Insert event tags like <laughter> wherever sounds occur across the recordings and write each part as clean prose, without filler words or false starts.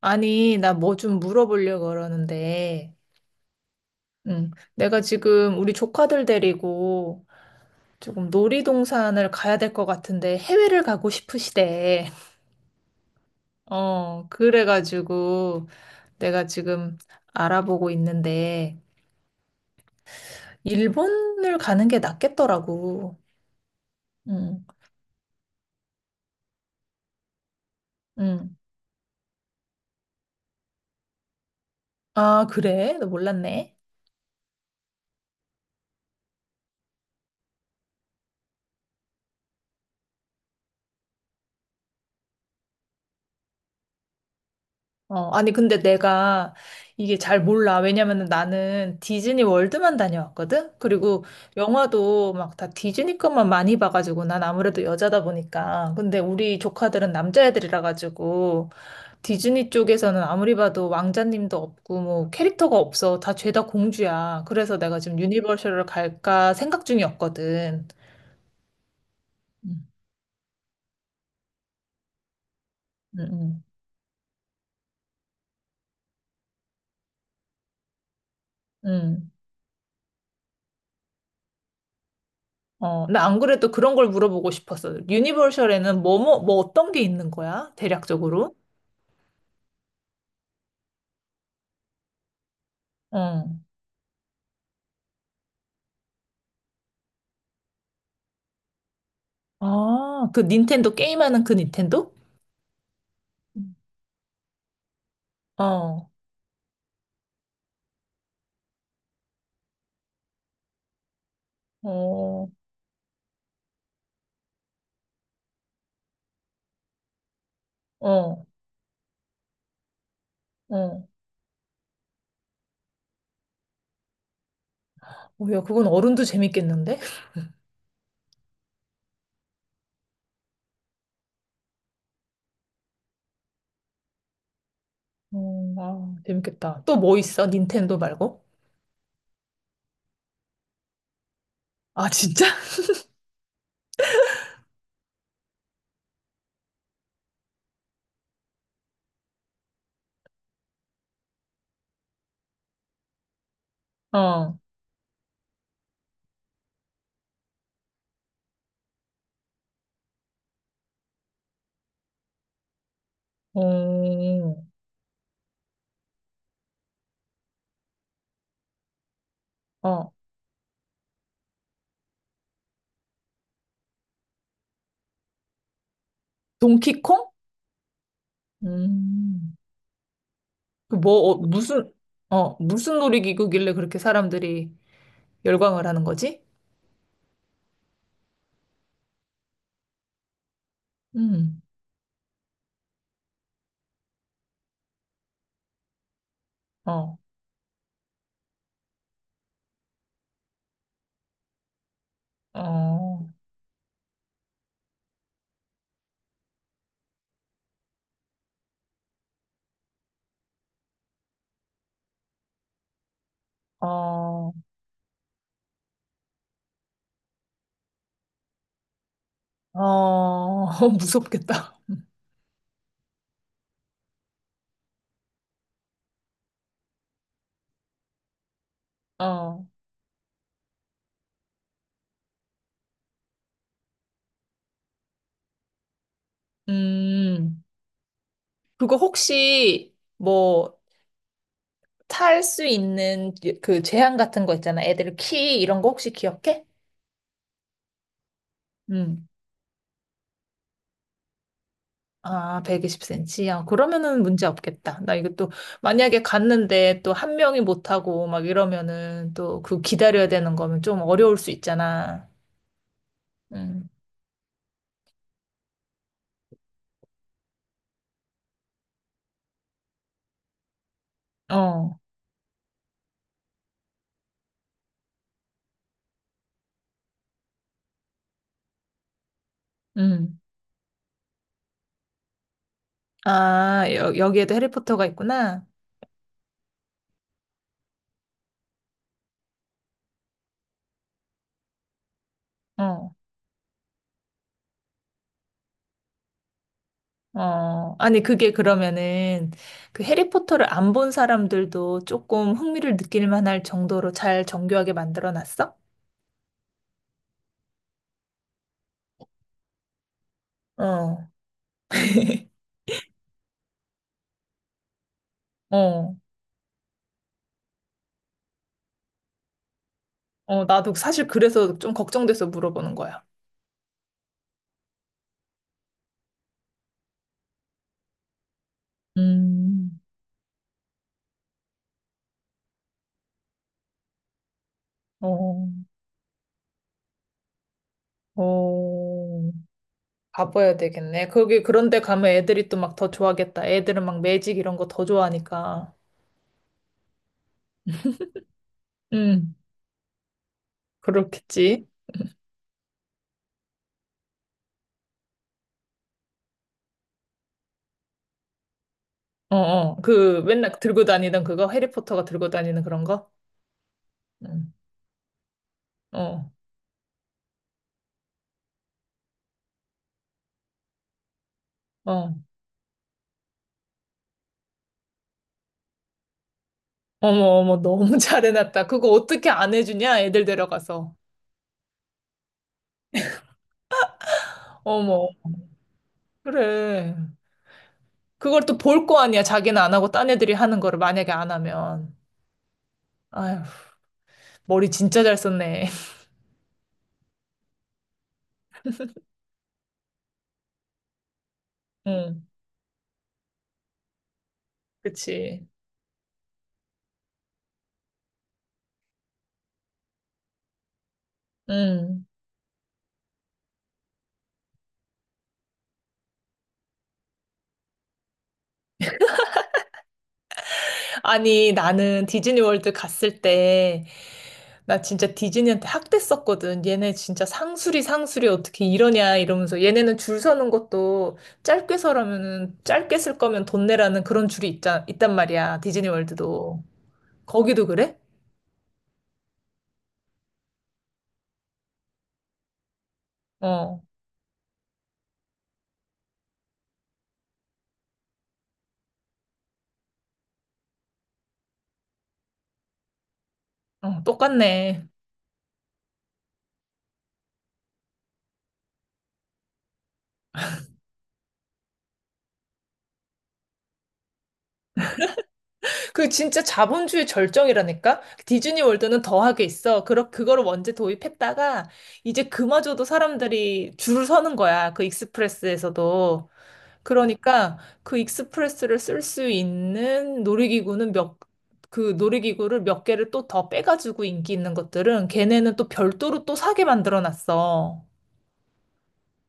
아니, 나 뭐 좀 물어보려고 그러는데, 응. 내가 지금 우리 조카들 데리고 조금 놀이동산을 가야 될 것 같은데 해외를 가고 싶으시대. <laughs> 그래가지고 내가 지금 알아보고 있는데, 일본을 가는 게 낫겠더라고. 응, 응. 아, 그래? 나 몰랐네. 아니, 근데 내가 이게 잘 몰라. 왜냐면은 나는 디즈니 월드만 다녀왔거든? 그리고 영화도 막 다 디즈니 것만 많이 봐가지고 난 아무래도 여자다 보니까. 근데 우리 조카들은 남자애들이라 가지고 디즈니 쪽에서는 아무리 봐도 왕자님도 없고 뭐 캐릭터가 없어. 다 죄다 공주야. 그래서 내가 지금 유니버셜을 갈까 생각 중이었거든. 음, 음, 음. 어, 나 안 그래도 그런 걸 물어보고 싶었어. 유니버셜에는 뭐 어떤 게 있는 거야? 대략적으로? 어. 아, 그 닌텐도 게임하는 그 닌텐도? 음. 어, 어, 어, 어. 어, 야, 그건 어른도 재밌겠는데? <laughs> 어, 아, 재밌겠다. 또 뭐 있어? 닌텐도 말고? 아, 진짜? <laughs> 어, 어, 어. 동키콩? 음, 그 뭐, 어, 무슨, 무슨 놀이기구길래 그렇게 사람들이 열광을 하는 거지? 음, 어. 어, 어, 어, <laughs> 무섭겠다. 어, 음, 그거 혹시 뭐 탈 수 있는 그 제한 같은 거 있잖아. 애들 키 이런 거 혹시 기억해? 음. 아, 120cm. 야, 그러면은 문제 없겠다. 나 이거 또 만약에 갔는데 또 한 명이 못하고 막 이러면은 또 그 기다려야 되는 거면 좀 어려울 수 있잖아. 음, 어, 음. 아, 여기에도 해리포터가 있구나. 어. 어, 아니, 그게 그러면은 그 해리포터를 안 본 사람들도 조금 흥미를 느낄 만할 정도로 잘 정교하게 만들어 놨어? 어, <laughs> 어, 어, 나도 사실 그래서 좀 걱정돼서 물어보는 거야. 음, 어, 어, 가봐야 되겠네. 거기 그런데 가면 애들이 또 막 더 좋아하겠다. 애들은 막 매직 이런 거 더 좋아하니까. 음, 그렇겠지. 어, 어, 그 맨날 들고 다니던 그거? 해리포터가 들고 다니는 그런 거? 음, 어. 어. 어머, 어머, 너무 <laughs> 잘해놨다. 그거 어떻게 안 해주냐? 애들 데려가서. 어머, 그래. 그걸 또 볼 거 아니야. 자기는 안 하고 딴 애들이 하는 거를 만약에 안 하면. 아휴, 머리 진짜 잘 썼네. <laughs> 응, 그치. 응. 아니, 나는 디즈니 월드 갔을 때, 나 진짜 디즈니한테 학대했었거든. 얘네 진짜 상술이 어떻게 이러냐 이러면서 얘네는 줄 서는 것도 짧게 서라면은 짧게 쓸 거면 돈 내라는 그런 줄이 있단 말이야. 디즈니 월드도. 거기도 그래? 어. 어, 똑같네. 그 진짜 자본주의 절정이라니까? 디즈니 월드는 더하게 있어. 그거를 먼저 도입했다가 이제 그마저도 사람들이 줄을 서는 거야. 그 익스프레스에서도. 그러니까 그 익스프레스를 쓸 수 있는 그 놀이기구를 몇 개를 또 더 빼가지고 인기 있는 것들은 걔네는 또 별도로 또 사게 만들어 놨어.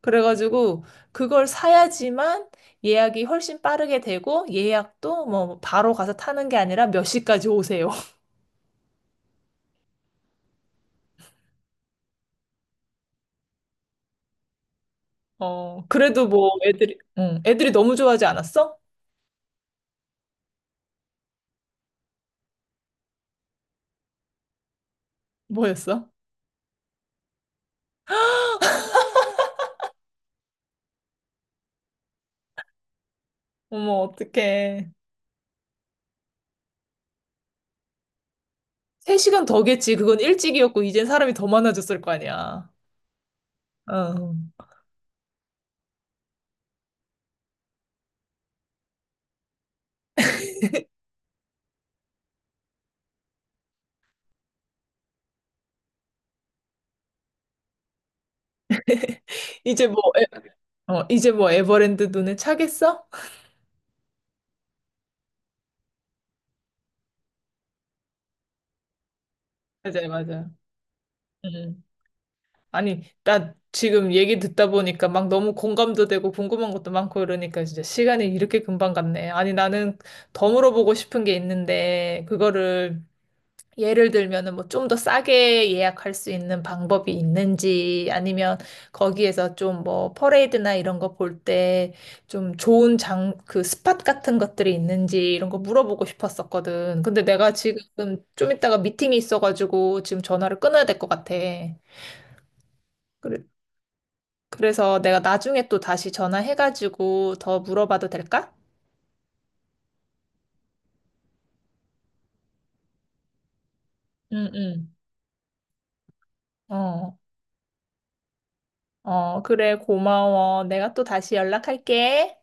그래가지고 그걸 사야지만 예약이 훨씬 빠르게 되고 예약도 뭐 바로 가서 타는 게 아니라 몇 시까지 오세요. <laughs> 어, 그래도 뭐 애들이 너무 좋아하지 않았어? 뭐였어? 어머, 어떡해. 3시간 더겠지. 그건 일찍이었고, 이젠 사람이 더 많아졌을 거 아니야. 어. 이제 뭐, 에, 이제 뭐 에버랜드 눈에 차겠어? <laughs> 맞아요, 맞아요. 음. 아니, 나 지금 얘기 듣다 보니까 막 너무 공감도 되고 궁금한 것도 많고 이러니까 진짜 시간이 이렇게 금방 갔네. 아니, 나는 더 물어보고 싶은 게 있는데, 그거를 예를 들면은 뭐 좀 더 싸게 예약할 수 있는 방법이 있는지 아니면 거기에서 좀 뭐 퍼레이드나 이런 거 볼 때 좀 그 스팟 같은 것들이 있는지 이런 거 물어보고 싶었었거든. 근데 내가 지금 좀 이따가 미팅이 있어가지고 지금 전화를 끊어야 될 것 같아. 그래, 그래서 내가 나중에 또 다시 전화해가지고 더 물어봐도 될까? 응, 응. 어, 어, 그래, 고마워. 내가 또 다시 연락할게.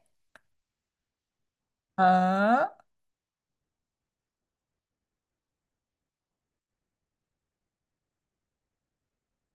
어?